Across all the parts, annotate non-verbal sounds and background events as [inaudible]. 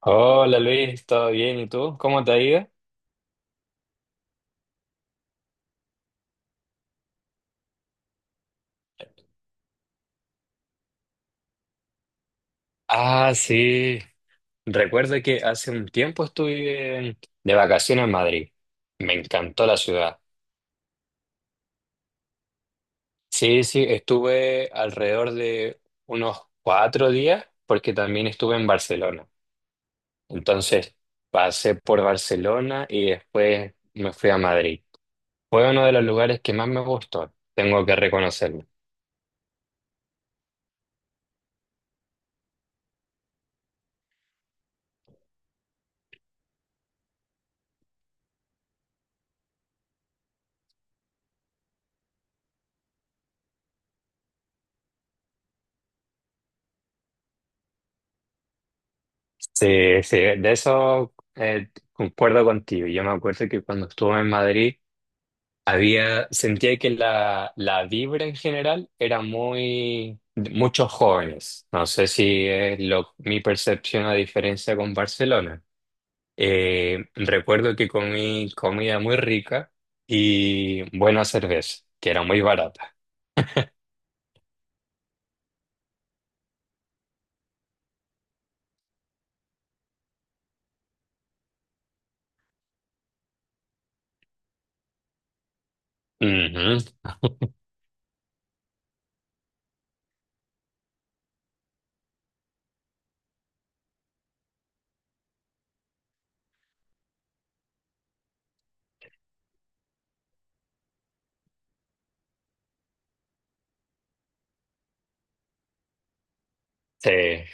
Hola Luis, ¿todo bien? ¿Y tú? ¿Cómo te ha ido? Ah, sí. Recuerdo que hace un tiempo de vacaciones en Madrid. Me encantó la ciudad. Sí, sí, estuve alrededor de unos 4 días porque también estuve en Barcelona. Entonces pasé por Barcelona y después me fui a Madrid. Fue uno de los lugares que más me gustó, tengo que reconocerlo. Sí, sí, de eso concuerdo contigo. Yo me acuerdo que cuando estuve en Madrid había, sentía que la vibra en general era muy, muchos jóvenes. No sé si es lo, mi percepción a diferencia con Barcelona. Recuerdo que comí comida muy rica y buena cerveza, que era muy barata. Ujú, sí.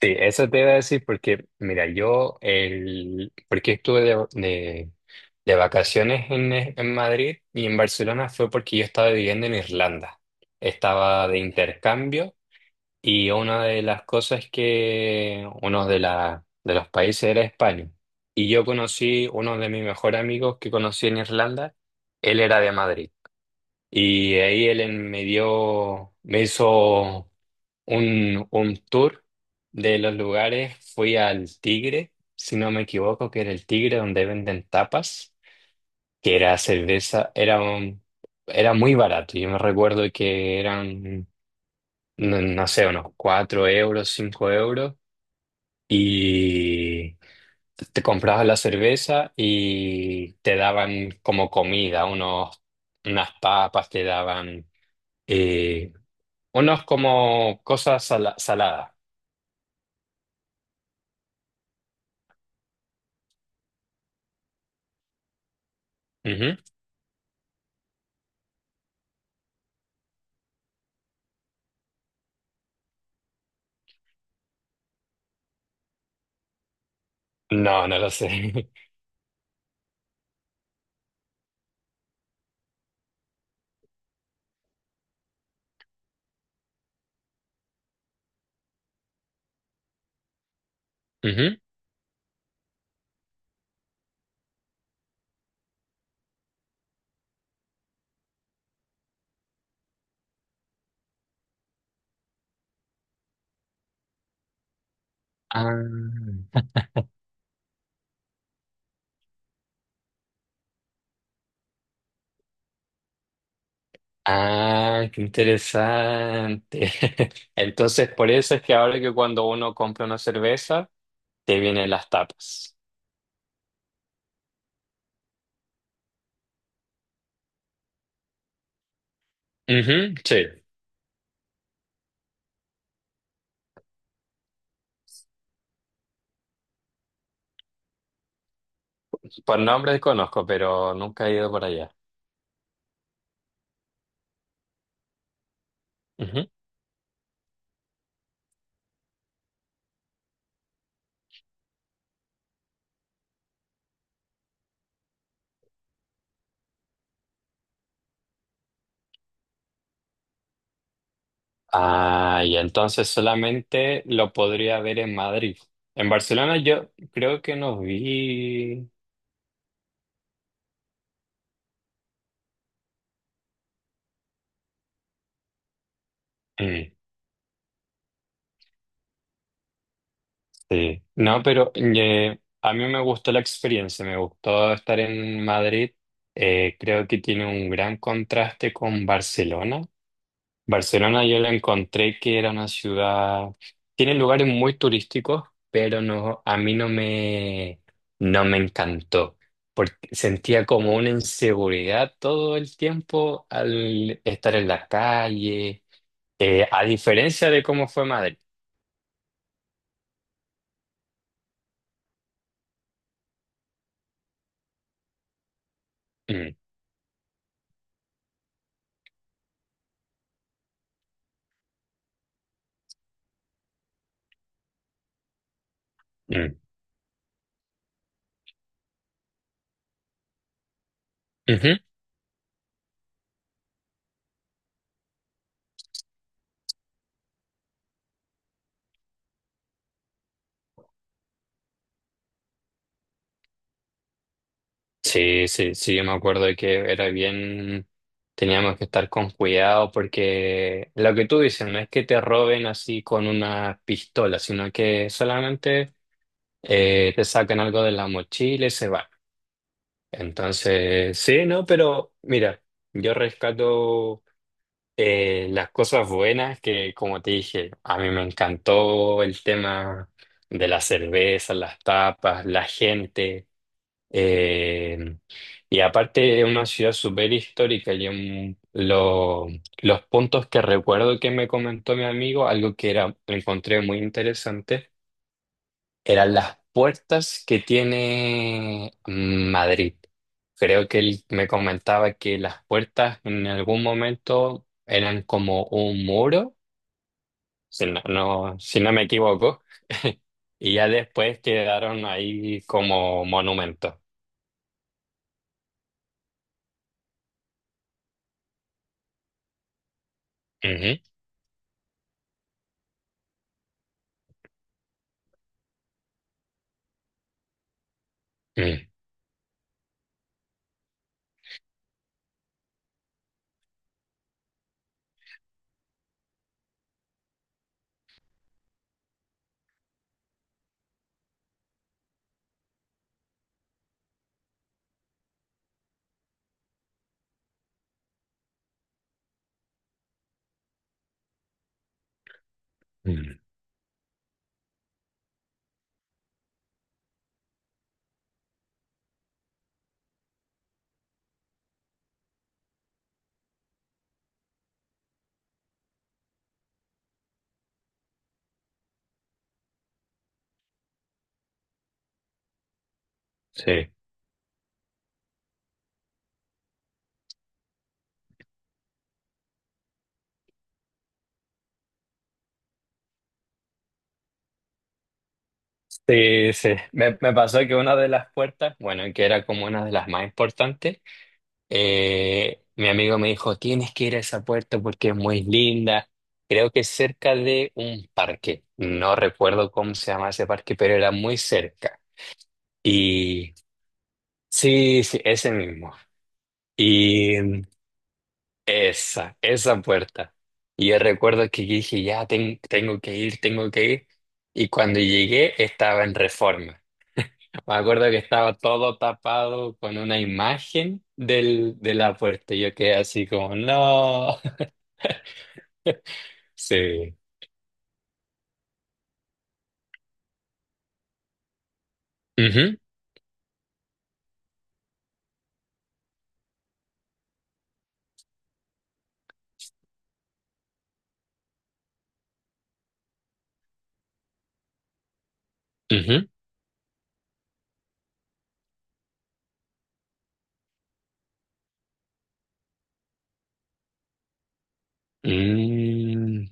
Sí, eso te iba a decir porque, mira, yo, el, porque de vacaciones en Madrid y en Barcelona fue porque yo estaba viviendo en Irlanda. Estaba de intercambio y una de las cosas que, de los países era España. Y yo conocí uno de mis mejores amigos que conocí en Irlanda, él era de Madrid. Me dio, me hizo un tour de los lugares. Fui al Tigre, si no me equivoco, que era el Tigre donde venden tapas, que era cerveza, era muy barato. Yo me recuerdo que eran, no, no sé, unos 4 euros, 5 euros, y te comprabas la cerveza y te daban como comida, unas papas, te daban eh, unos como saladas. No, no lo sé. [laughs] Ujú. Ah, ah, qué interesante. [laughs] Entonces, por eso es que ahora que cuando uno compra una cerveza, te vienen las tapas. Ujú, sí, por nombre conozco, pero nunca he ido por allá. Ujú. Ah, y entonces solamente lo podría ver en Madrid. En Barcelona yo creo que no vi. Mm. Sí, no, pero a mí me gustó la experiencia, me gustó estar en Madrid. Creo que tiene un gran contraste con Barcelona. Barcelona yo la encontré que era una ciudad, tiene lugares muy turísticos, pero no, a mí no me, no me encantó, porque sentía como una inseguridad todo el tiempo al estar en la calle, a diferencia de cómo fue Madrid. Mm, mm, ujú. Sí, sí, sí, yo me acuerdo de que era bien, teníamos que estar con cuidado porque lo que tú dices no es que te roben así con una pistola, sino que solamente te sacan algo de la mochila y se van. Entonces, sí, no, pero mira, yo rescato las cosas buenas que, como te dije, a mí me encantó el tema de la cerveza, las tapas, la gente. Eh, y aparte es una ciudad súper histórica y los puntos que recuerdo que me comentó mi amigo, algo que era, encontré muy interesante, eran las puertas que tiene mm, Madrid. Creo que él me comentaba que las puertas en algún momento eran como un muro, si si no me equivoco, y ya después quedaron ahí como monumentos. Ujú. Mm, mm, sí. Sí, sí. Me pasó que una de las puertas, bueno, que era como una de las más importantes, mi amigo me dijo, tienes que ir a esa puerta porque es muy linda. Creo que es cerca de un parque. No recuerdo cómo se llama ese parque, pero era muy cerca. Y sí, sí, ese mismo. Y mm, esa puerta. Y yo recuerdo que dije, ya tengo que ir, tengo que ir. Y cuando llegué estaba en Reforma. Me acuerdo que estaba todo tapado con una imagen del, de la puerta. Yo quedé así como, no. [laughs] Sí. Ujú, ujú. Mm.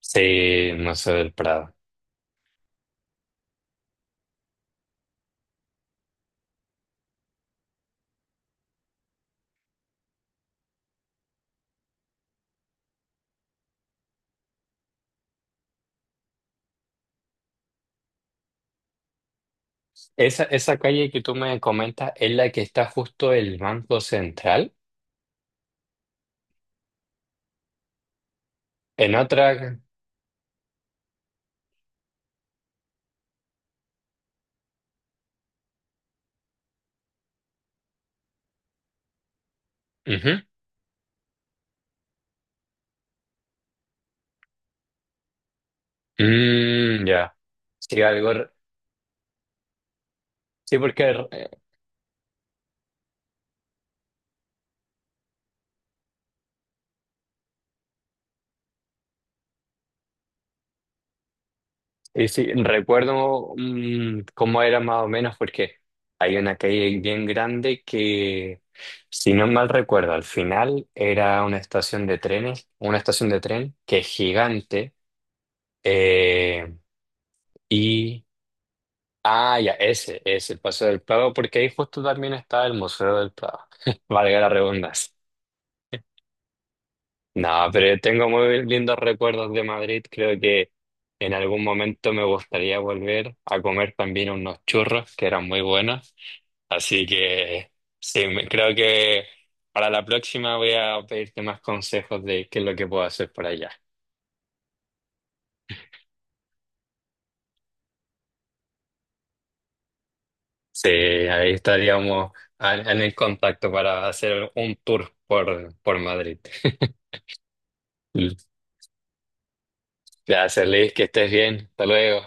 Sí, Museo del Prado. Esa calle que tú me comentas es la que está justo el Banco Central. En otra. Ujú. Mm, ya. Sí, algo. re- Sí, porque y sí, recuerdo mm, cómo era más o menos porque hay una calle bien grande que, si no mal recuerdo, al final era una estación de trenes, una estación de tren que es gigante eh, y... Ah, ya, ese, el Paseo del Prado, porque ahí justo también está el Museo del Prado, [laughs] valga la redundancia. No, pero tengo muy lindos recuerdos de Madrid. Creo que en algún momento me gustaría volver a comer también unos churros que eran muy buenos. Así que sí, creo que para la próxima voy a pedirte más consejos de qué es lo que puedo hacer por allá. Sí, ahí estaríamos en el contacto para hacer un tour por Madrid. [laughs] Gracias, Luis, que estés bien. Hasta luego.